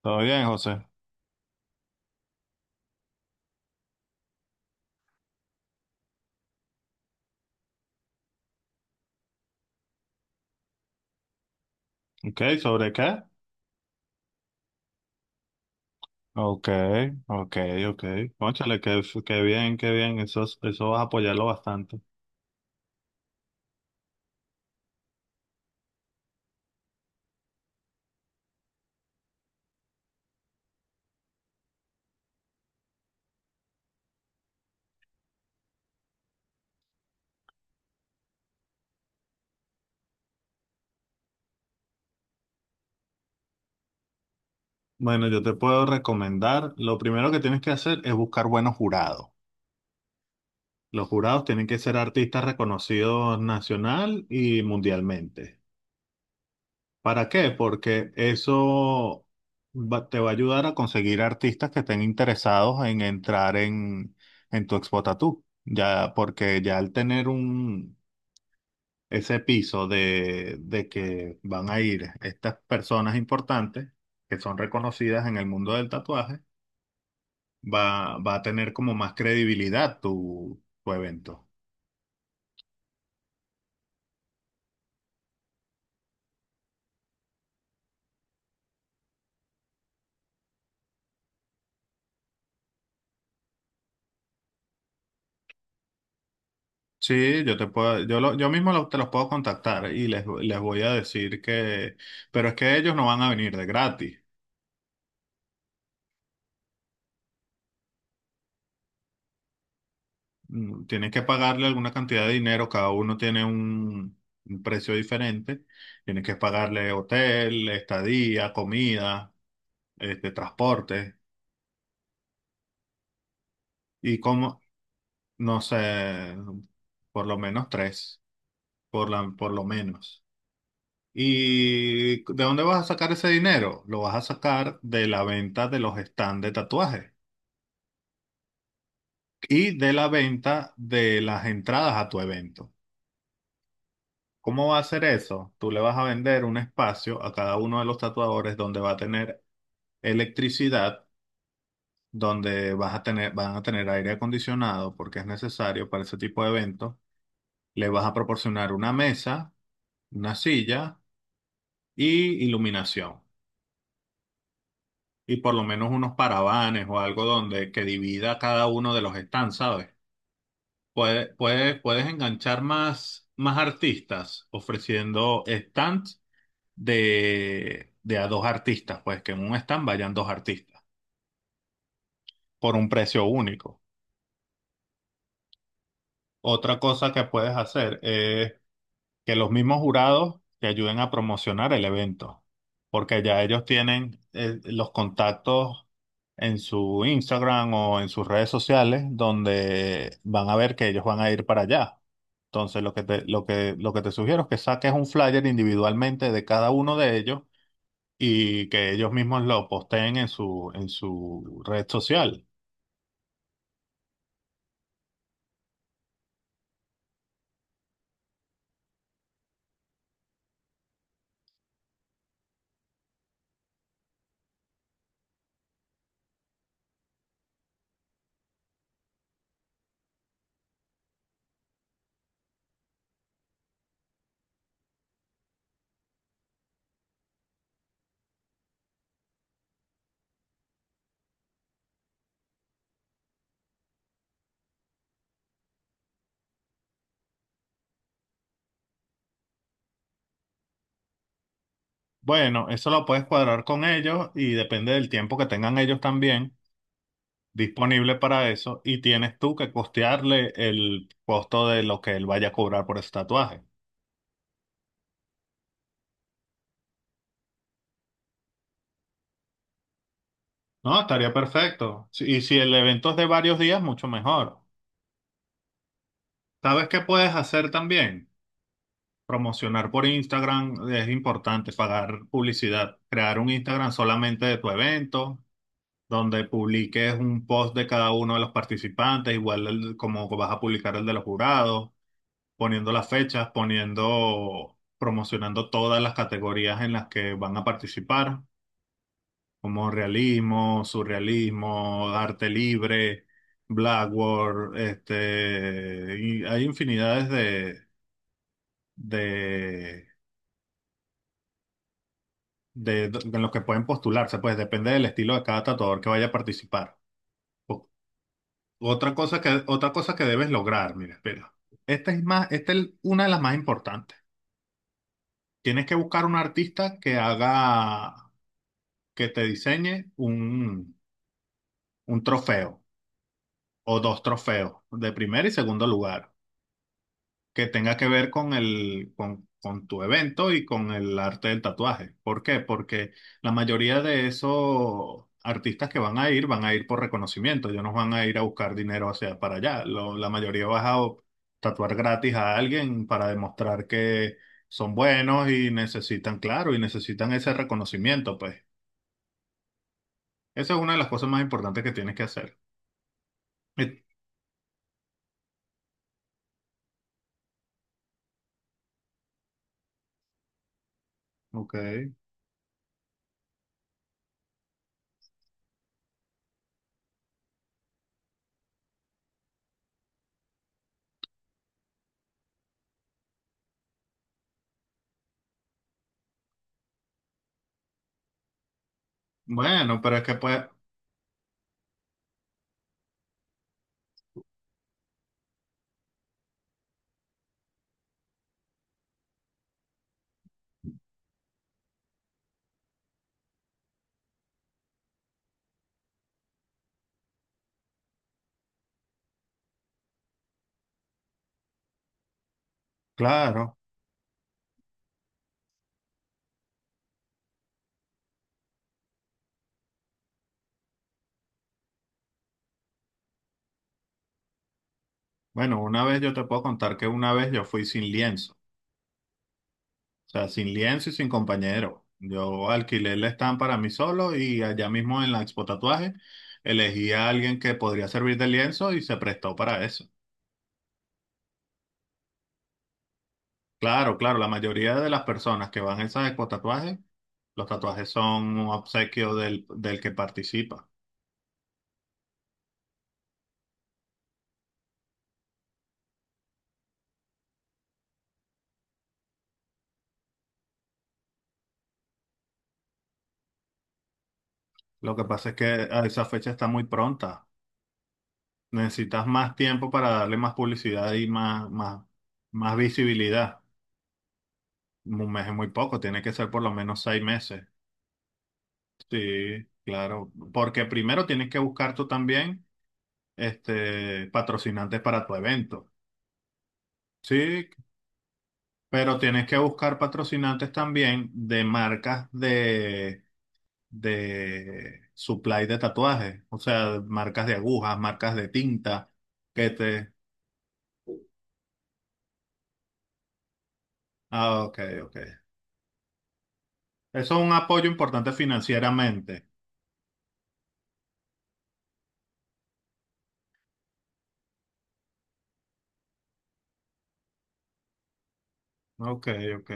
¿Todo bien, José? Ok, ¿sobre qué? Ok, ok, ok. Cónchale, qué bien. Eso, eso vas a apoyarlo bastante. Bueno, yo te puedo recomendar, lo primero que tienes que hacer es buscar buenos jurados. Los jurados tienen que ser artistas reconocidos nacional y mundialmente. ¿Para qué? Porque eso te va a ayudar a conseguir artistas que estén interesados en entrar en tu Expo Tattoo. Ya, porque ya al tener un ese piso de que van a ir estas personas importantes que son reconocidas en el mundo del tatuaje, va, va a tener como más credibilidad tu evento. Sí, yo te puedo, yo, yo mismo te los puedo contactar y les voy a decir que, pero es que ellos no van a venir de gratis. Mm, tienes que pagarle alguna cantidad de dinero, cada uno tiene un precio diferente. Tienes que pagarle hotel, estadía, comida, transporte. Y como, no sé, por lo menos tres, por la, por lo menos. ¿Y de dónde vas a sacar ese dinero? Lo vas a sacar de la venta de los stands de tatuajes y de la venta de las entradas a tu evento. ¿Cómo va a hacer eso? Tú le vas a vender un espacio a cada uno de los tatuadores donde va a tener electricidad, donde vas a tener, van a tener aire acondicionado porque es necesario para ese tipo de eventos. Le vas a proporcionar una mesa, una silla y iluminación. Y por lo menos unos paravanes o algo donde que divida cada uno de los stands, ¿sabes? Puede, puedes enganchar más, más artistas ofreciendo stands de a dos artistas, pues que en un stand vayan dos artistas por un precio único. Otra cosa que puedes hacer es que los mismos jurados te ayuden a promocionar el evento, porque ya ellos tienen los contactos en su Instagram o en sus redes sociales donde van a ver que ellos van a ir para allá. Entonces, lo que te sugiero es que saques un flyer individualmente de cada uno de ellos y que ellos mismos lo posteen en su red social. Bueno, eso lo puedes cuadrar con ellos y depende del tiempo que tengan ellos también disponible para eso, y tienes tú que costearle el costo de lo que él vaya a cobrar por ese tatuaje. No, estaría perfecto. Y si el evento es de varios días, mucho mejor. ¿Sabes qué puedes hacer también? Promocionar por Instagram es importante, pagar publicidad, crear un Instagram solamente de tu evento, donde publiques un post de cada uno de los participantes, igual como vas a publicar el de los jurados, poniendo las fechas, poniendo, promocionando todas las categorías en las que van a participar, como realismo, surrealismo, arte libre, blackboard, y hay infinidades de de en los que pueden postularse, pues depende del estilo de cada tatuador que vaya a participar. O- otra cosa que debes lograr, mira, espera. Esta es más, esta es una de las más importantes. Tienes que buscar un artista que haga, que te diseñe un trofeo o dos trofeos de primer y segundo lugar, que tenga que ver con el, con tu evento y con el arte del tatuaje. ¿Por qué? Porque la mayoría de esos artistas que van a ir por reconocimiento, ellos no van a ir a buscar dinero hacia para allá. La mayoría vas a tatuar gratis a alguien para demostrar que son buenos y necesitan, claro, y necesitan ese reconocimiento, pues. Esa es una de las cosas más importantes que tienes que hacer. Eh, Ok. Bueno, pero es que pues, claro. Bueno, una vez yo te puedo contar que una vez yo fui sin lienzo, o sea, sin lienzo y sin compañero. Yo alquilé el stand para mí solo y allá mismo en la Expo Tatuaje elegí a alguien que podría servir de lienzo y se prestó para eso. Claro, claro, la mayoría de las personas que van a esas Expo Tatuajes, los tatuajes son un obsequio del que participa. Lo que pasa es que a esa fecha está muy pronta. Necesitas más tiempo para darle más publicidad y más visibilidad. Un mes es muy poco, tiene que ser por lo menos seis meses. Sí, claro. Porque primero tienes que buscar tú también patrocinantes para tu evento. Sí, pero tienes que buscar patrocinantes también de marcas de supply de tatuajes. O sea, marcas de agujas, marcas de tinta, que te... Ah, ok, ok. Eso es un apoyo importante financieramente. Ok, ok.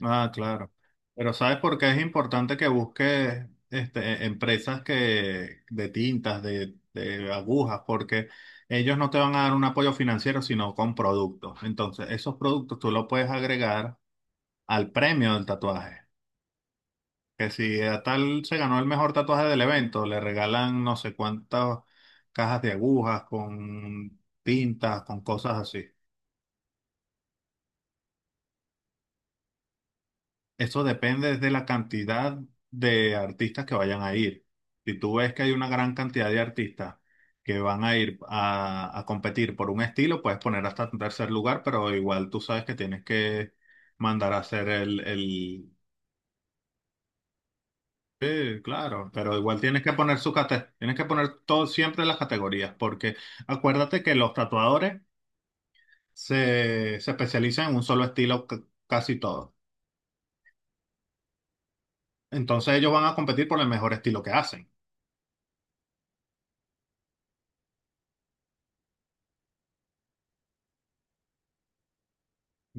Ah, claro. Pero ¿sabes por qué es importante que busques empresas que, de agujas? Porque ellos no te van a dar un apoyo financiero, sino con productos. Entonces, esos productos tú los puedes agregar al premio del tatuaje. Que si a tal se ganó el mejor tatuaje del evento, le regalan no sé cuántas cajas de agujas con tintas, con cosas así. Eso depende de la cantidad de artistas que vayan a ir. Si tú ves que hay una gran cantidad de artistas que van a ir a competir por un estilo, puedes poner hasta un tercer lugar, pero igual tú sabes que tienes que mandar a hacer el... Sí, claro, pero igual tienes que poner su tienes que poner todo, siempre las categorías, porque acuérdate que los tatuadores se, se especializan en un solo estilo casi todo. Entonces ellos van a competir por el mejor estilo que hacen.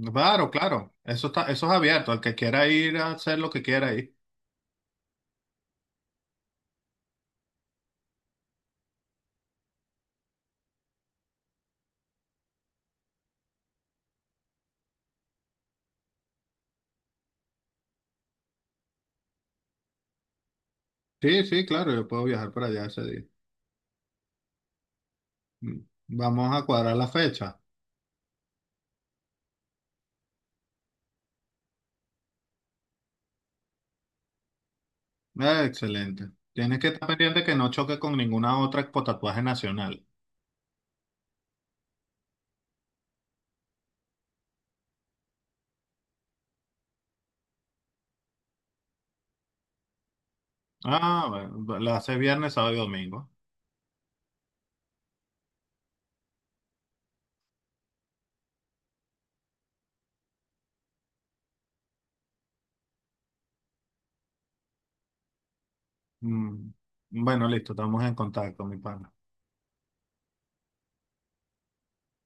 Claro, claro. Eso está, eso es abierto. Al que quiera ir a hacer lo que quiera ir. Sí, sí, claro, yo puedo viajar para allá ese día. Mm. Vamos a cuadrar la fecha. Excelente. Tienes que estar pendiente que no choque con ninguna otra expo tatuaje nacional. Ah, bueno, la hace viernes, sábado y domingo. Mm. Bueno, listo, estamos en contacto, mi pana.